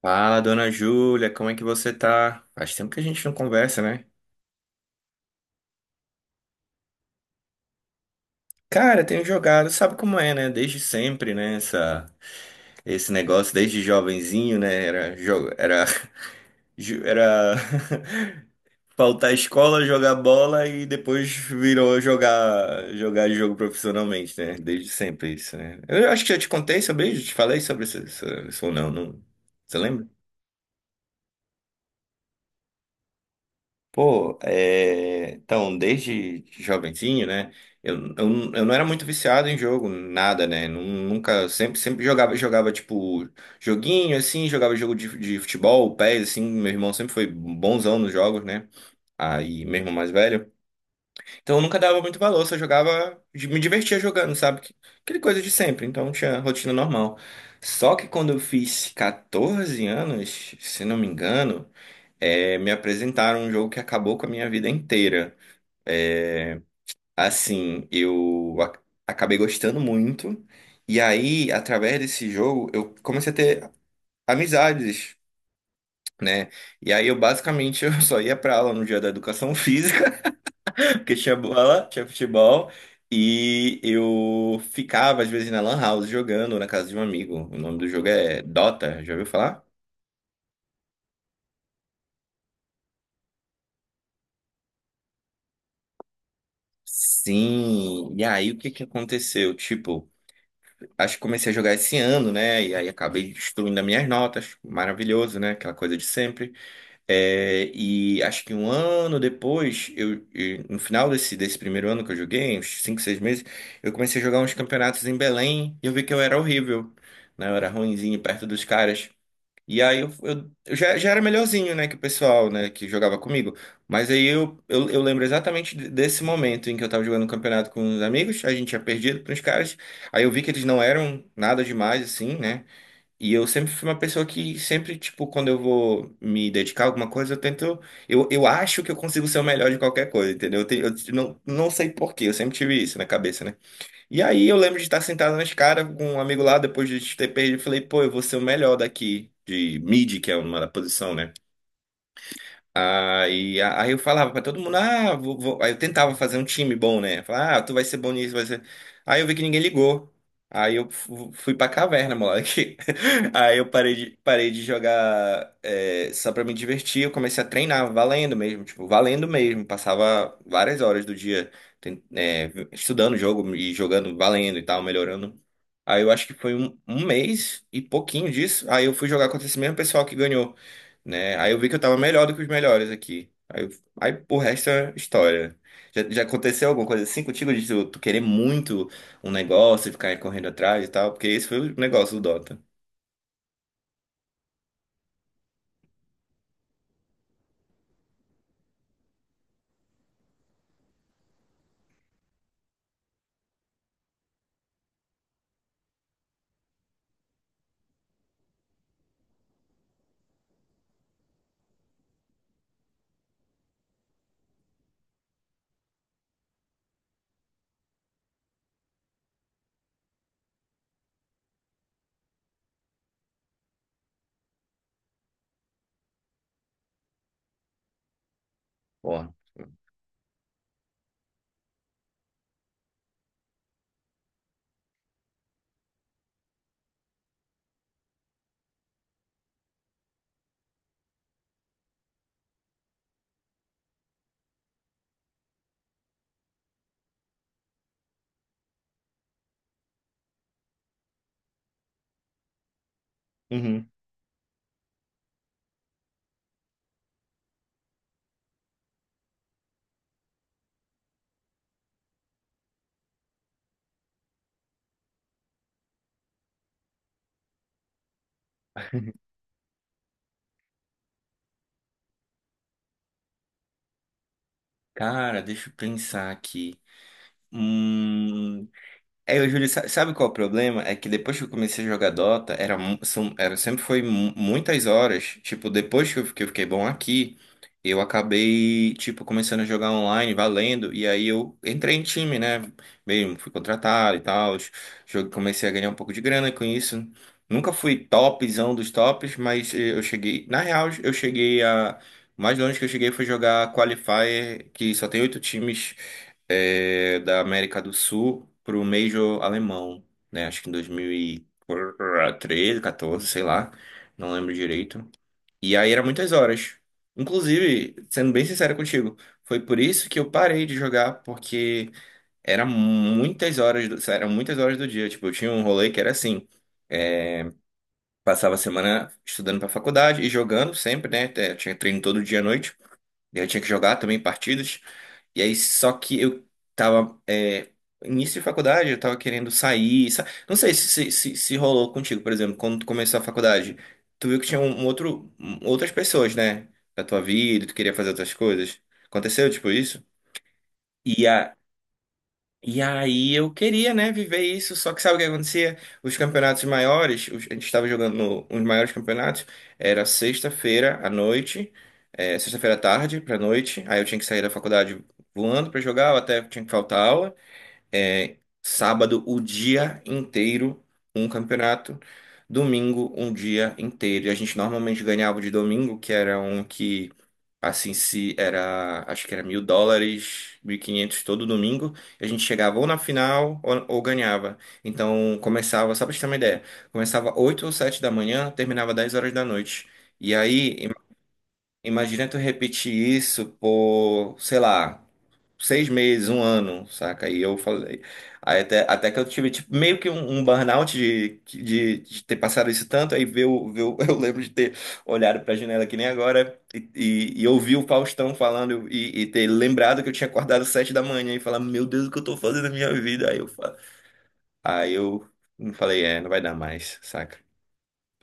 Fala, dona Júlia, como é que você tá? Faz tempo que a gente não conversa, né? Cara, tenho jogado, sabe como é, né? Desde sempre, né? Esse negócio, desde jovenzinho, né? Era faltar à escola, jogar bola e depois virou jogar jogo profissionalmente, né? Desde sempre isso, né? Eu acho que já te contei sobre isso, te falei sobre isso, isso ou não, não. Você lembra? Pô, é, então, desde jovenzinho, né? Eu não era muito viciado em jogo, nada, né? Nunca, sempre jogava, tipo, joguinho, assim, jogava jogo de futebol, pés, assim. Meu irmão sempre foi bonzão nos jogos, né? Aí, meu irmão mais velho. Então, eu nunca dava muito valor, só jogava, me divertia jogando, sabe? Aquele coisa de sempre, então tinha rotina normal. Só que quando eu fiz 14 anos, se não me engano, me apresentaram um jogo que acabou com a minha vida inteira. É, assim, acabei gostando muito, e aí, através desse jogo, eu comecei a ter amizades, né? E aí, eu basicamente eu só ia pra aula no dia da educação física, porque tinha bola, tinha futebol. E eu ficava, às vezes, na Lan House jogando na casa de um amigo. O nome do jogo é Dota, já ouviu falar? Sim, e aí o que que aconteceu? Tipo, acho que comecei a jogar esse ano, né? E aí acabei destruindo as minhas notas. Maravilhoso, né? Aquela coisa de sempre. É, e acho que um ano depois, e no final desse primeiro ano que eu joguei, uns 5, 6 meses, eu comecei a jogar uns campeonatos em Belém e eu vi que eu era horrível, né? Eu era ruinzinho perto dos caras. E aí eu já era melhorzinho, né, que o pessoal, né, que jogava comigo. Mas aí eu lembro exatamente desse momento em que eu tava jogando um campeonato com uns amigos, a gente tinha perdido pros caras. Aí eu vi que eles não eram nada demais, assim, né? E eu sempre fui uma pessoa que sempre, tipo, quando eu vou me dedicar a alguma coisa, eu tento. Eu acho que eu consigo ser o melhor de qualquer coisa, entendeu? Eu não sei por quê, eu sempre tive isso na cabeça, né? E aí eu lembro de estar sentado na escada com um amigo lá, depois de ter perdido, eu falei, pô, eu vou ser o melhor daqui, de mid, que é uma posição, né? Aí, aí eu falava pra todo mundo, ah, aí eu tentava fazer um time bom, né? Falava, ah, tu vai ser bom nisso, vai ser. Aí eu vi que ninguém ligou. Aí eu fui pra caverna, moleque. Aí eu parei de jogar, só pra me divertir. Eu comecei a treinar, valendo mesmo, tipo, valendo mesmo. Passava várias horas do dia estudando o jogo e jogando, valendo e tal, melhorando. Aí eu acho que foi um mês e pouquinho disso. Aí eu fui jogar contra esse mesmo pessoal que ganhou, né? Aí eu vi que eu tava melhor do que os melhores aqui. Aí, aí o resto é história. Já aconteceu alguma coisa assim contigo de tu querer muito um negócio e ficar correndo atrás e tal? Porque esse foi o negócio do Dota. Porra. Uhum. Cara, deixa eu pensar aqui. Hum. É, o Júlio, sabe qual é o problema? É que depois que eu comecei a jogar Dota, era sempre foi muitas horas. Tipo, depois que eu fiquei bom aqui, eu acabei, tipo, começando a jogar online, valendo. E aí eu entrei em time, né? Mesmo, fui contratado e tal. Jogo, comecei a ganhar um pouco de grana com isso. Nunca fui topzão dos tops, mas eu cheguei. Na real, eu cheguei a. O mais longe que eu cheguei foi jogar Qualifier, que só tem oito times, da América do Sul para o Major alemão, né? Acho que em 2013, 14, sei lá, não lembro direito. E aí era muitas horas. Inclusive, sendo bem sincero contigo, foi por isso que eu parei de jogar, porque era muitas horas, eram muitas horas do dia. Tipo, eu tinha um rolê que era assim. é, Passava a semana estudando para faculdade e jogando sempre, né? Tinha treino todo dia à noite. E eu tinha que jogar também partidas. E aí, só que eu tava. Início de faculdade, eu tava querendo sair. Não sei se rolou contigo, por exemplo, quando tu começou a faculdade. Tu viu que tinha um outro, outras pessoas, né? Da tua vida, tu queria fazer outras coisas. Aconteceu, tipo, isso? E, a, e aí eu queria, né, viver isso, só que sabe o que acontecia? Os campeonatos maiores, a gente estava jogando no, os maiores campeonatos, era sexta-feira à noite, sexta-feira à tarde pra noite, aí eu tinha que sair da faculdade voando pra jogar, eu até tinha que faltar aula, é, sábado, o dia inteiro, um campeonato. Domingo, um dia inteiro. E a gente normalmente ganhava de domingo, que era um que, assim, se era, acho que era US$ 1.000, 1.500 todo domingo. E a gente chegava ou na final ou, ganhava. Então, começava, só pra gente ter uma ideia, começava 8 ou 7 da manhã, terminava 10 horas da noite. E aí, imagina tu repetir isso por, sei lá, seis meses, um ano, saca? E eu falei. Aí até que eu tive tipo, meio que um burnout de ter passado isso tanto, aí ver eu lembro de ter olhado pra janela que nem agora e ouvir o Faustão falando e ter lembrado que eu tinha acordado 7 da manhã e falar, meu Deus, o que eu tô fazendo na minha vida? Aí eu falei, é, não vai dar mais, saca?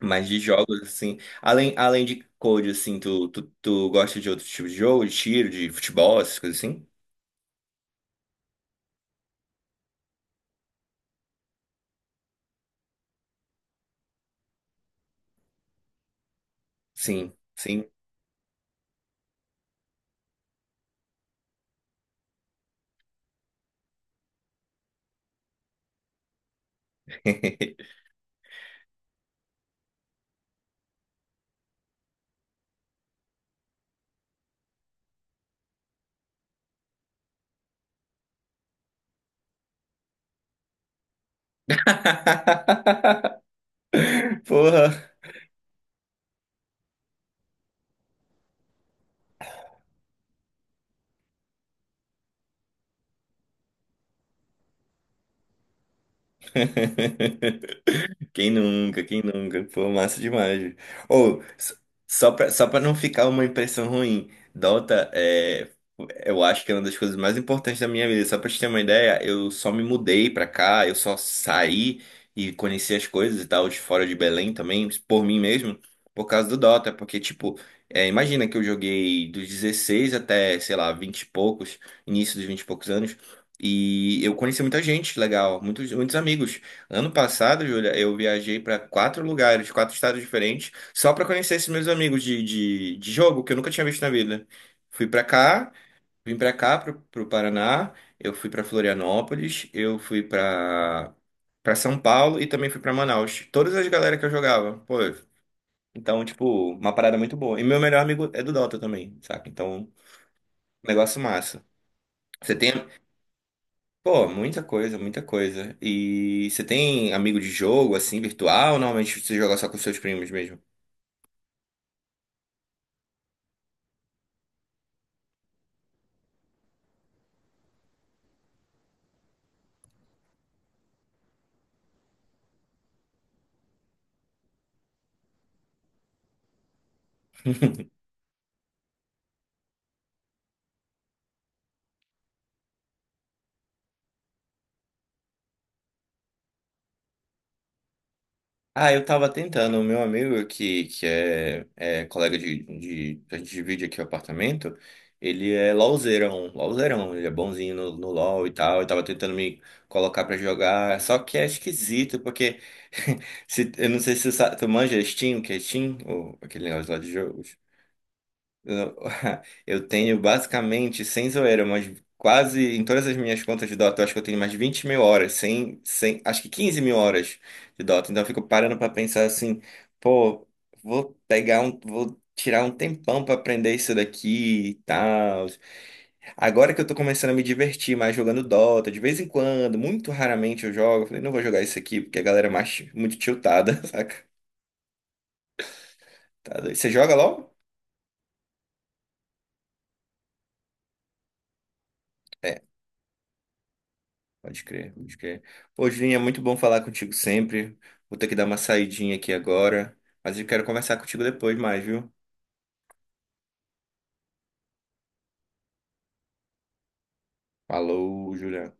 Mas de jogos, assim, além de code, assim, tu gosta de outro tipo de jogo, de tiro, de futebol, essas coisas assim? Sim. Sim. Porra. Quem nunca, quem nunca? Pô, massa demais. Ou, só pra não ficar uma impressão ruim, Dota é. Eu acho que é uma das coisas mais importantes da minha vida. Só pra te ter uma ideia, eu só me mudei pra cá, eu só saí e conheci as coisas e tal, de fora de Belém também, por mim mesmo, por causa do Dota. Porque, tipo, é, imagina que eu joguei dos 16 até, sei lá, 20 e poucos, início dos 20 e poucos anos, e eu conheci muita gente legal, muitos, muitos amigos. Ano passado, Júlia, eu viajei para quatro lugares, quatro estados diferentes, só para conhecer esses meus amigos de jogo que eu nunca tinha visto na vida. Fui para cá, vim para cá, pro Paraná, eu fui para Florianópolis, eu fui para São Paulo e também fui para Manaus. Todas as galera que eu jogava, pô. Então, tipo, uma parada muito boa. E meu melhor amigo é do Dota também, saca? Então, um negócio massa. Você tem. Pô, muita coisa, muita coisa. E você tem amigo de jogo, assim, virtual, ou normalmente você joga só com seus primos mesmo? Ah, eu tava tentando. O meu amigo, que é colega de. A gente divide aqui o apartamento. Ele é LOLzeirão, LOLzeirão. Ele é bonzinho no LOL e tal. Eu tava tentando me colocar pra jogar. Só que é esquisito, porque. Eu não sei se tu manja Steam, que é Steam, ou aquele negócio lá de jogo. Eu eu tenho basicamente, sem zoeira, mas quase em todas as minhas contas de Dota, eu acho que eu tenho mais de 20.000 horas, sem, sem, acho que 15.000 horas de Dota. Então eu fico parando pra pensar assim, pô, vou tirar um tempão pra aprender isso daqui e tal. Agora que eu tô começando a me divertir mais jogando Dota, de vez em quando, muito raramente eu jogo, eu falei, não vou jogar isso aqui porque a galera é mais muito tiltada, saca? Tá doido. Você joga LOL? É. Pode crer, pode crer. Pô, Julinho, é muito bom falar contigo sempre. Vou ter que dar uma saidinha aqui agora, mas eu quero conversar contigo depois mais, viu? Falou, Juliano.